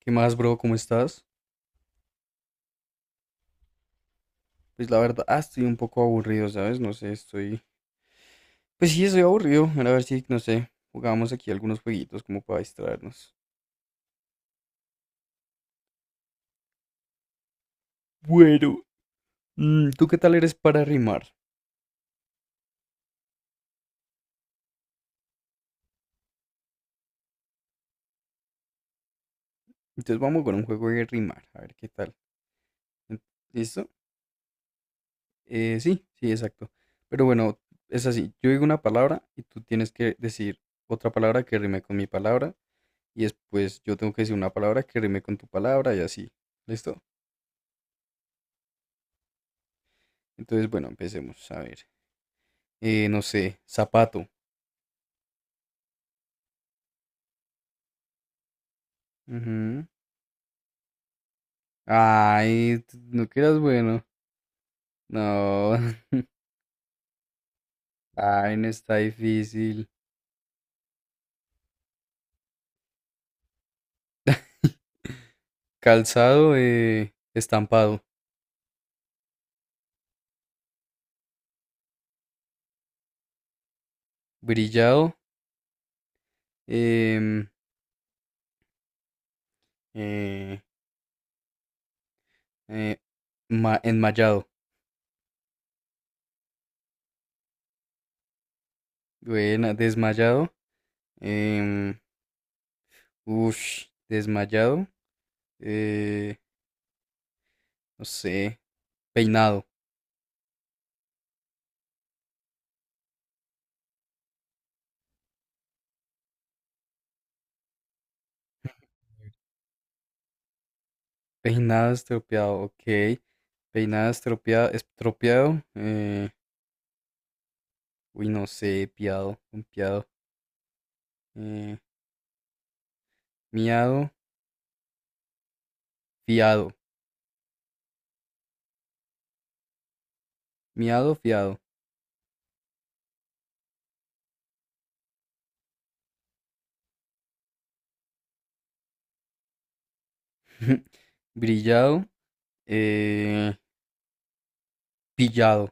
¿Qué más, bro? ¿Cómo estás? Pues la verdad, estoy un poco aburrido, ¿sabes? No sé, Pues sí, estoy aburrido. Era A ver si, no sé, jugamos aquí algunos jueguitos como para distraernos. Bueno, ¿tú qué tal eres para rimar? Entonces vamos con un juego de rimar, a ver qué tal. ¿Listo? Sí, sí, exacto. Pero bueno, es así, yo digo una palabra y tú tienes que decir otra palabra que rime con mi palabra y después yo tengo que decir una palabra que rime con tu palabra y así. ¿Listo? Entonces, bueno, empecemos, a ver. No sé, zapato. Ujú. Ay, no que eras bueno. No, ay, no está difícil. Calzado, estampado. Brillado, em, eh, eh, enmayado. Buena, desmayado. em, ush, desmayado. eh, no sé, peinado. Peinado estropeado, ok. Peinado estropeado, estropeado. Uy, no sé, piado, un piado. eh, miado, fiado, miado, fiado, brillado, eh, pillado,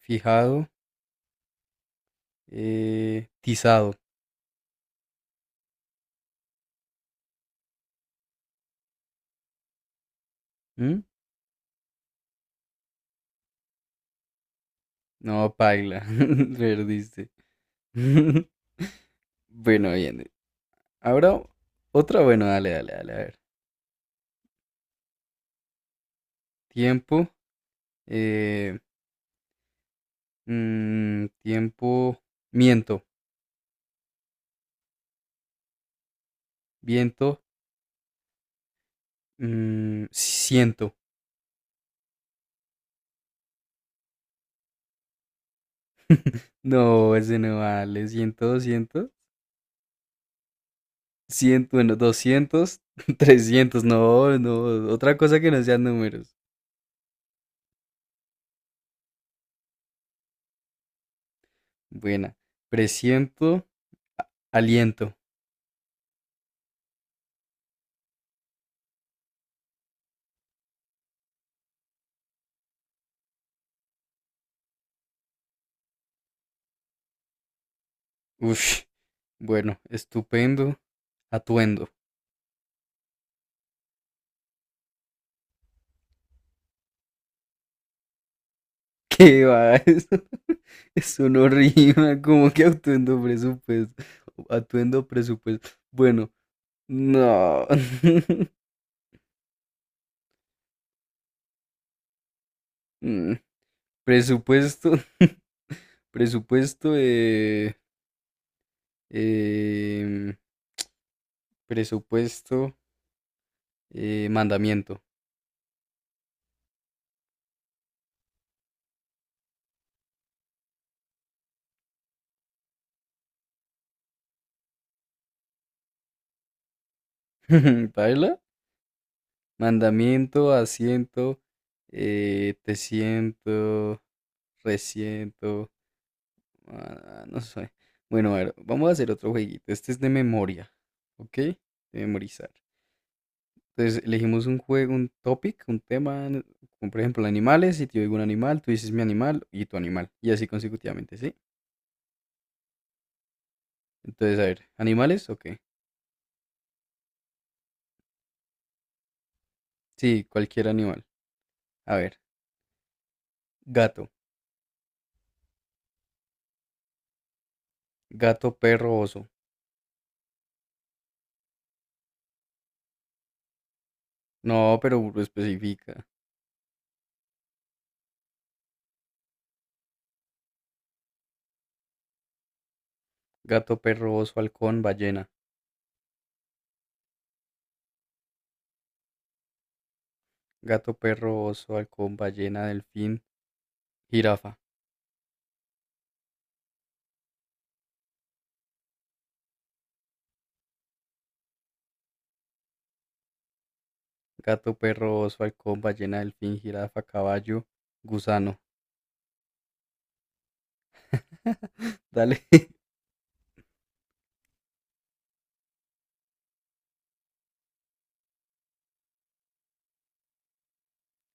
fijado, tizado. ¿Mm? No, paila, perdiste. Bueno, bien. Ahora otra, bueno, dale, dale, dale, a ver. Tiempo, eh, tiempo, miento, viento, siento. No, ese no vale, siento, 200 100, bueno, 200 300 no, no, otra cosa que no sean números. Buena. Presiento, aliento. Uf, bueno, estupendo, atuendo. ¿Qué va? Eso no rima, como que atuendo presupuesto. Atuendo presupuesto. Bueno, no. Mm, Presupuesto, presupuesto, em, presupuesto. Mandamiento. ¿Paila? Mandamiento, asiento, te siento, resiento. No sé. Bueno, a ver, vamos a hacer otro jueguito. Este es de memoria, ¿ok? De memorizar. Entonces, elegimos un juego, un topic, un tema, como por ejemplo animales. Si te digo un animal, tú dices mi animal y tu animal. Y así consecutivamente, ¿sí? Entonces, a ver, ¿animales o Sí, cualquier animal. A ver, gato, gato, perro, oso. No, pero especifica. Gato, perro, oso, halcón, ballena. Gato, perro, oso, halcón, ballena, delfín, jirafa. Gato, perro, oso, halcón, ballena, delfín, jirafa, caballo, gusano. Dale.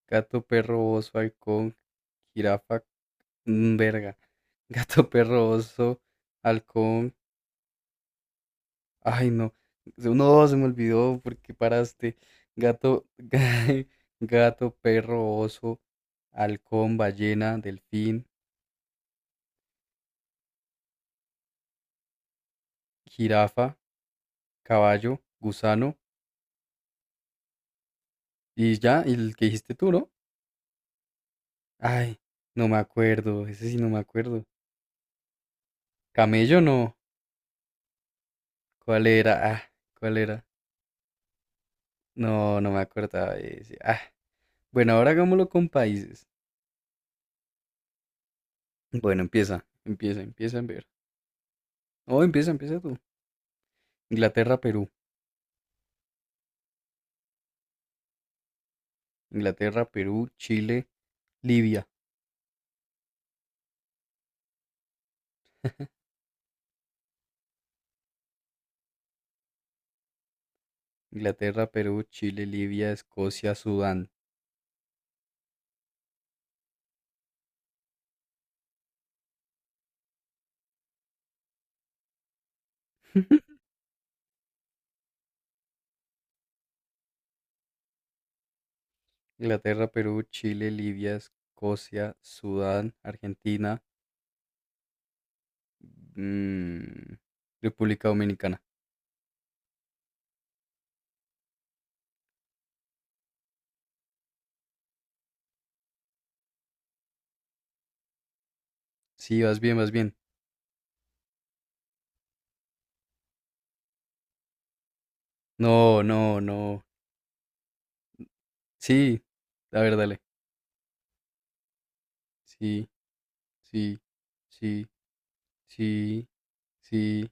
Gato, perro, oso, halcón, jirafa, verga. Gato, perro, oso, halcón. Ay, no. No, se me olvidó porque paraste. Gato, gato, perro, oso, halcón, ballena, delfín, jirafa, caballo, gusano y ya, y el que dijiste tú, ¿no? Ay, no me acuerdo, ese sí no me acuerdo. Camello no, ¿cuál era? Ah, ¿cuál era? No, no me acordaba de ese. Ah, bueno, ahora hagámoslo con países. Bueno, empieza, empieza, empieza a ver. Oh, empieza, empieza tú. Inglaterra, Perú. Inglaterra, Perú, Chile, Libia. Inglaterra, Perú, Chile, Libia, Escocia, Sudán. Inglaterra, Perú, Chile, Libia, Escocia, Sudán, Argentina, Mm, República Dominicana. Sí, vas bien, vas bien. No, no, no. Sí. A ver, dale. Sí, sí, sí, sí, sí.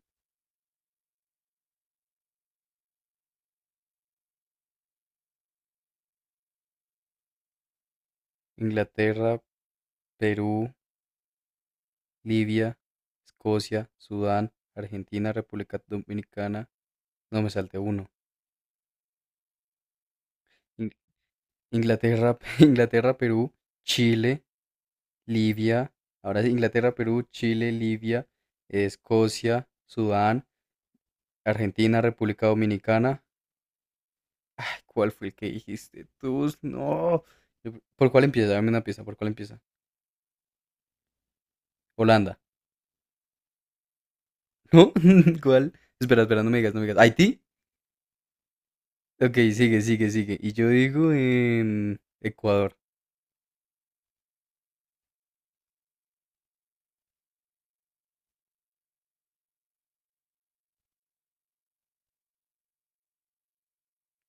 Inglaterra, Perú, Libia, Escocia, Sudán, Argentina, República Dominicana. No me salte uno. In- Inglaterra, Inglaterra, Perú, Chile, Libia. Ahora es Inglaterra, Perú, Chile, Libia, Escocia, Sudán, Argentina, República Dominicana. Ay, ¿cuál fue el que dijiste tú? No. ¿Por cuál empieza? Dame una pieza. ¿Por cuál empieza? Holanda. ¿No? ¿Cuál? Espera, espera, no me digas, no me digas. ¿Haití? Ok, sigue, sigue, sigue. Y yo digo Ecuador.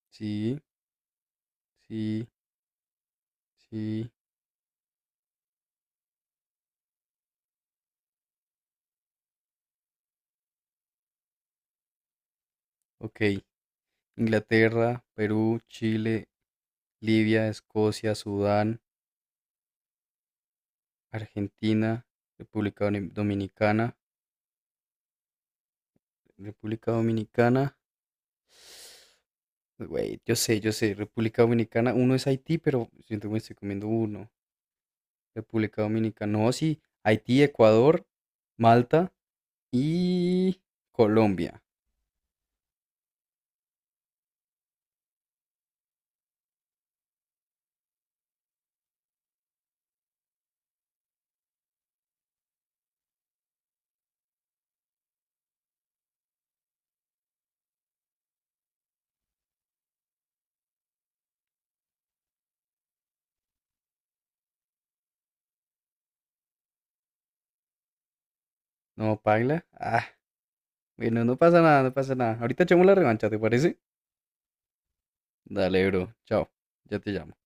Sí, sí, sí. Ok. Inglaterra, Perú, Chile, Libia, Escocia, Sudán, Argentina, República Dominicana. República Dominicana. Güey, yo sé, República Dominicana, uno es Haití, pero siento que me estoy comiendo uno. República Dominicana, no, sí, Haití, Ecuador, Malta y Colombia. No, paila. Ah, bueno, no pasa nada, no pasa nada. Ahorita echamos la revancha, ¿te parece? Dale, bro, chao, ya te llamo.